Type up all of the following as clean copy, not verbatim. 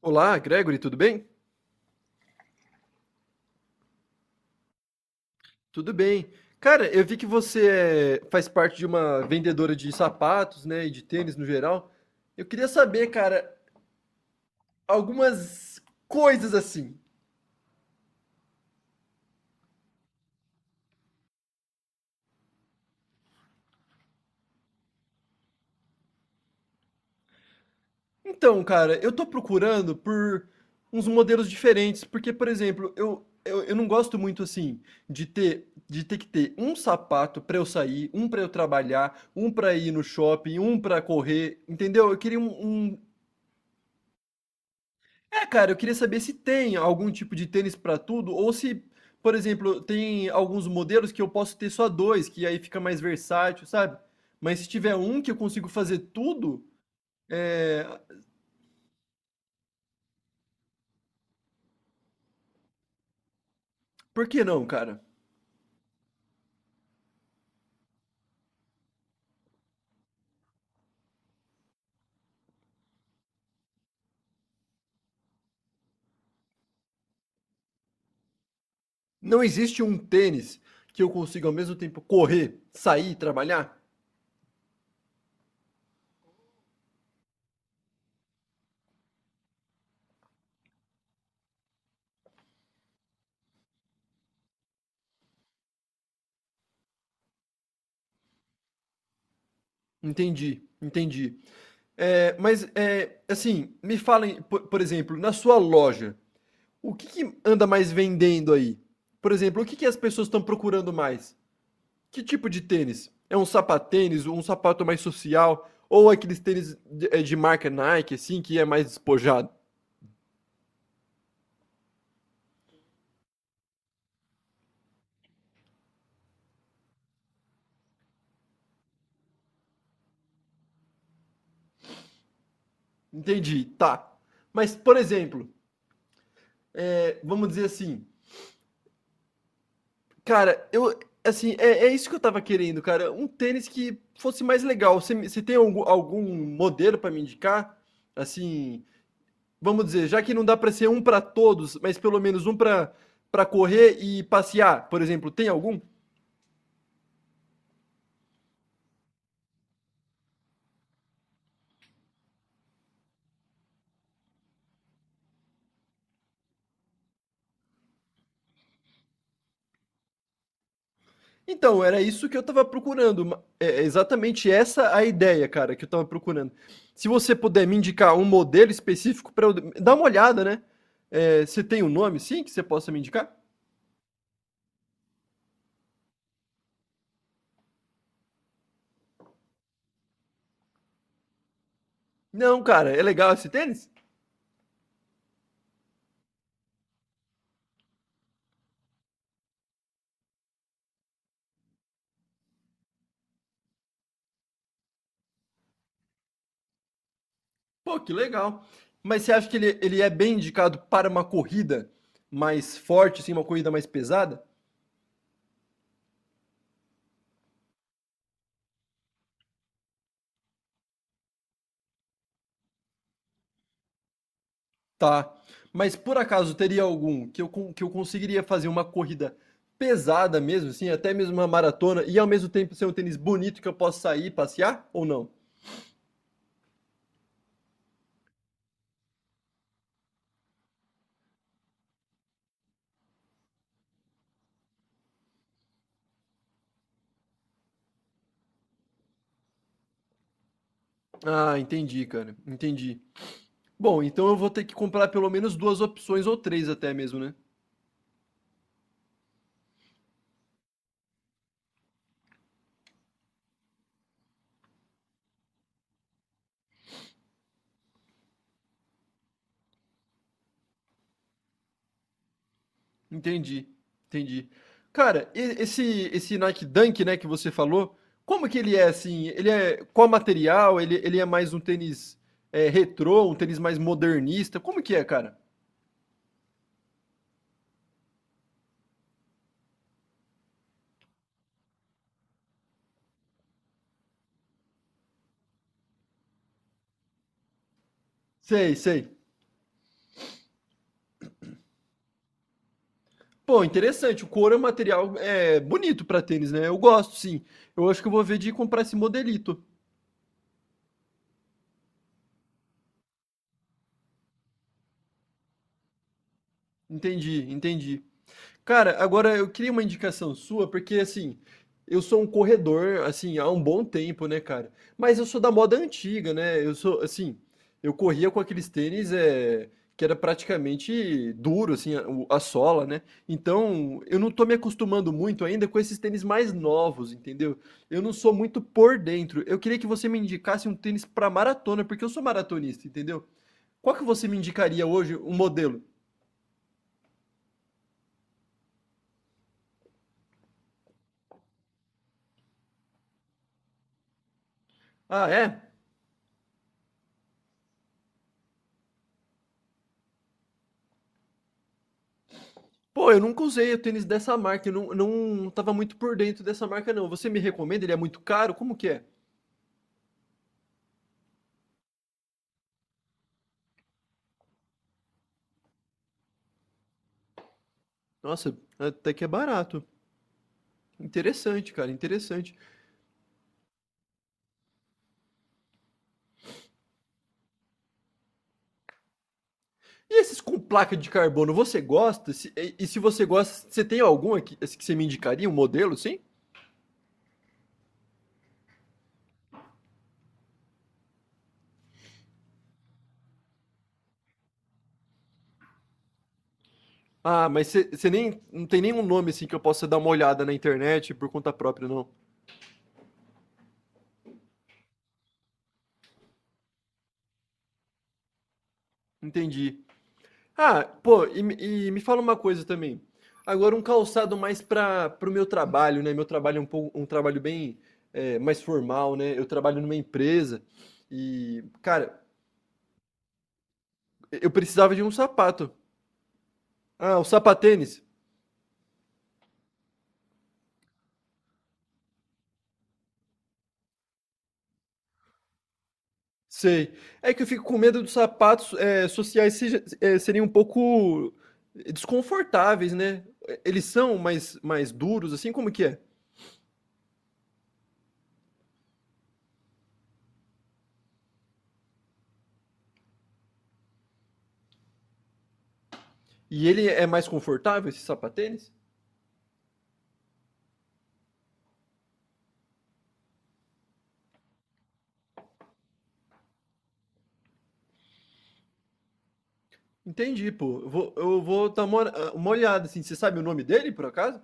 Olá, Gregory, tudo bem? Tudo bem. Cara, eu vi que você faz parte de uma vendedora de sapatos, né, e de tênis no geral. Eu queria saber, cara, algumas coisas assim. Então, cara, eu tô procurando por uns modelos diferentes, porque, por exemplo, eu não gosto muito assim de ter que ter um sapato pra eu sair, um pra eu trabalhar, um pra ir no shopping, um pra correr, entendeu? Eu queria um. É, cara, eu queria saber se tem algum tipo de tênis para tudo ou se, por exemplo, tem alguns modelos que eu posso ter só dois, que aí fica mais versátil, sabe? Mas se tiver um que eu consigo fazer tudo, é... por que não, cara? Não existe um tênis que eu consiga ao mesmo tempo correr, sair, trabalhar? Entendi, entendi. É, mas, assim, me falem, por exemplo, na sua loja, o que que anda mais vendendo aí? Por exemplo, o que que as pessoas estão procurando mais? Que tipo de tênis? É um sapatênis, um sapato mais social, ou aqueles tênis de, de marca Nike, assim, que é mais despojado? Entendi, tá. Mas, por exemplo, é, vamos dizer assim, cara, eu. Assim, é, é isso que eu tava querendo, cara. Um tênis que fosse mais legal. Você tem algum modelo para me indicar? Assim, vamos dizer, já que não dá para ser um para todos, mas pelo menos um para correr e passear, por exemplo, tem algum? Então, era isso que eu tava procurando. É exatamente essa a ideia, cara, que eu tava procurando. Se você puder me indicar um modelo específico para eu dar uma olhada, né? É, você tem um nome, sim, que você possa me indicar? Não, cara, é legal esse tênis? Pô, que legal. Mas você acha que ele é bem indicado para uma corrida mais forte, assim, uma corrida mais pesada? Tá. Mas por acaso teria algum que eu conseguiria fazer uma corrida pesada mesmo, assim, até mesmo uma maratona, e ao mesmo tempo ser um tênis bonito que eu possa sair, e passear ou não? Ah, entendi, cara. Entendi. Bom, então eu vou ter que comprar pelo menos duas opções ou três até mesmo, né? Entendi. Entendi. Cara, esse Nike Dunk, né, que você falou, como que ele é assim? Ele é qual material? Ele é mais um tênis retrô, um tênis mais modernista? Como que é, cara? Sei, sei. Pô, interessante. O couro é um material bonito para tênis, né? Eu gosto, sim. Eu acho que eu vou ver de comprar esse modelito. Entendi, entendi. Cara, agora eu queria uma indicação sua, porque assim, eu sou um corredor, assim, há um bom tempo, né, cara? Mas eu sou da moda antiga, né? Eu sou, assim, eu corria com aqueles tênis que era praticamente duro, assim, a sola, né? Então, eu não tô me acostumando muito ainda com esses tênis mais novos, entendeu? Eu não sou muito por dentro. Eu queria que você me indicasse um tênis pra maratona, porque eu sou maratonista, entendeu? Qual que você me indicaria hoje, um modelo? Ah, é? Pô, eu nunca usei o tênis dessa marca, eu não não tava muito por dentro dessa marca não. Você me recomenda? Ele é muito caro? Como que é? Nossa, até que é barato. Interessante, cara, interessante. E esses com placa de carbono, você gosta? Se e e se você gosta, você tem algum aqui assim, que você me indicaria, um modelo, sim? Ah, mas você nem não tem nenhum nome, assim, que eu possa dar uma olhada na internet por conta própria, não? Entendi. Ah, pô, e me fala uma coisa também. Agora um calçado mais para o meu trabalho, né? Meu trabalho é um pouco um trabalho bem mais formal, né? Eu trabalho numa empresa e, cara, eu precisava de um sapato. Ah, o sapatênis? Sei. É que eu fico com medo dos sapatos sociais seja, serem um pouco desconfortáveis, né? Eles são mais, mais duros, assim, como que é? E ele é mais confortável, esse sapatênis? Entendi, pô. Eu vou dar uma olhada, assim. Você sabe o nome dele, por acaso?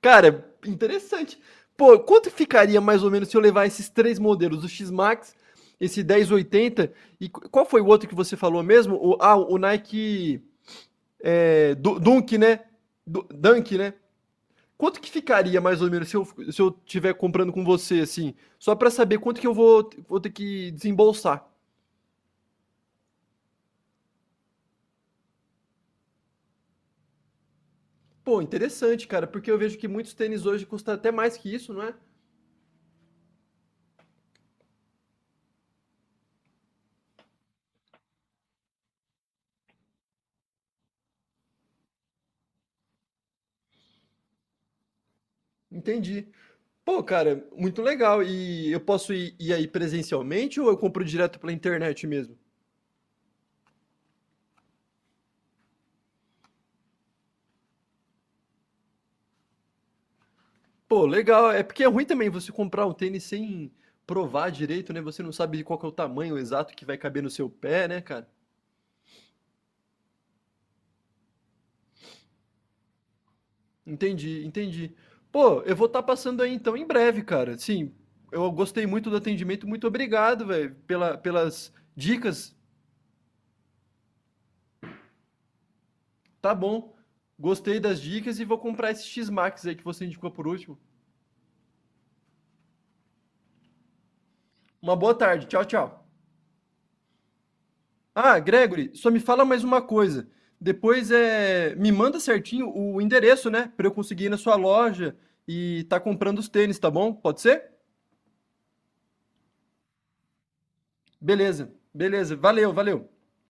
Cara, interessante. Pô, quanto ficaria mais ou menos se eu levar esses três modelos, o X-Max, esse 1080 e qual foi o outro que você falou mesmo? O Nike Dunk, né? Dunk, né? Quanto que ficaria mais ou menos se eu tiver comprando com você, assim? Só pra saber quanto que eu vou ter que desembolsar. Pô, interessante, cara, porque eu vejo que muitos tênis hoje custam até mais que isso, não é? Entendi. Pô, cara, muito legal. E eu posso ir aí presencialmente ou eu compro direto pela internet mesmo? Pô, legal. É porque é ruim também você comprar um tênis sem provar direito, né? Você não sabe qual que é o tamanho exato que vai caber no seu pé, né, cara? Entendi, entendi. Pô, eu vou estar passando aí então em breve, cara. Sim, eu gostei muito do atendimento. Muito obrigado, velho, pelas dicas. Tá bom. Gostei das dicas e vou comprar esse X-Max aí que você indicou por último. Uma boa tarde. Tchau, tchau. Ah, Gregory, só me fala mais uma coisa. Depois me manda certinho o endereço, né, para eu conseguir ir na sua loja e tá comprando os tênis, tá bom? Pode ser? Beleza, beleza. Valeu, valeu.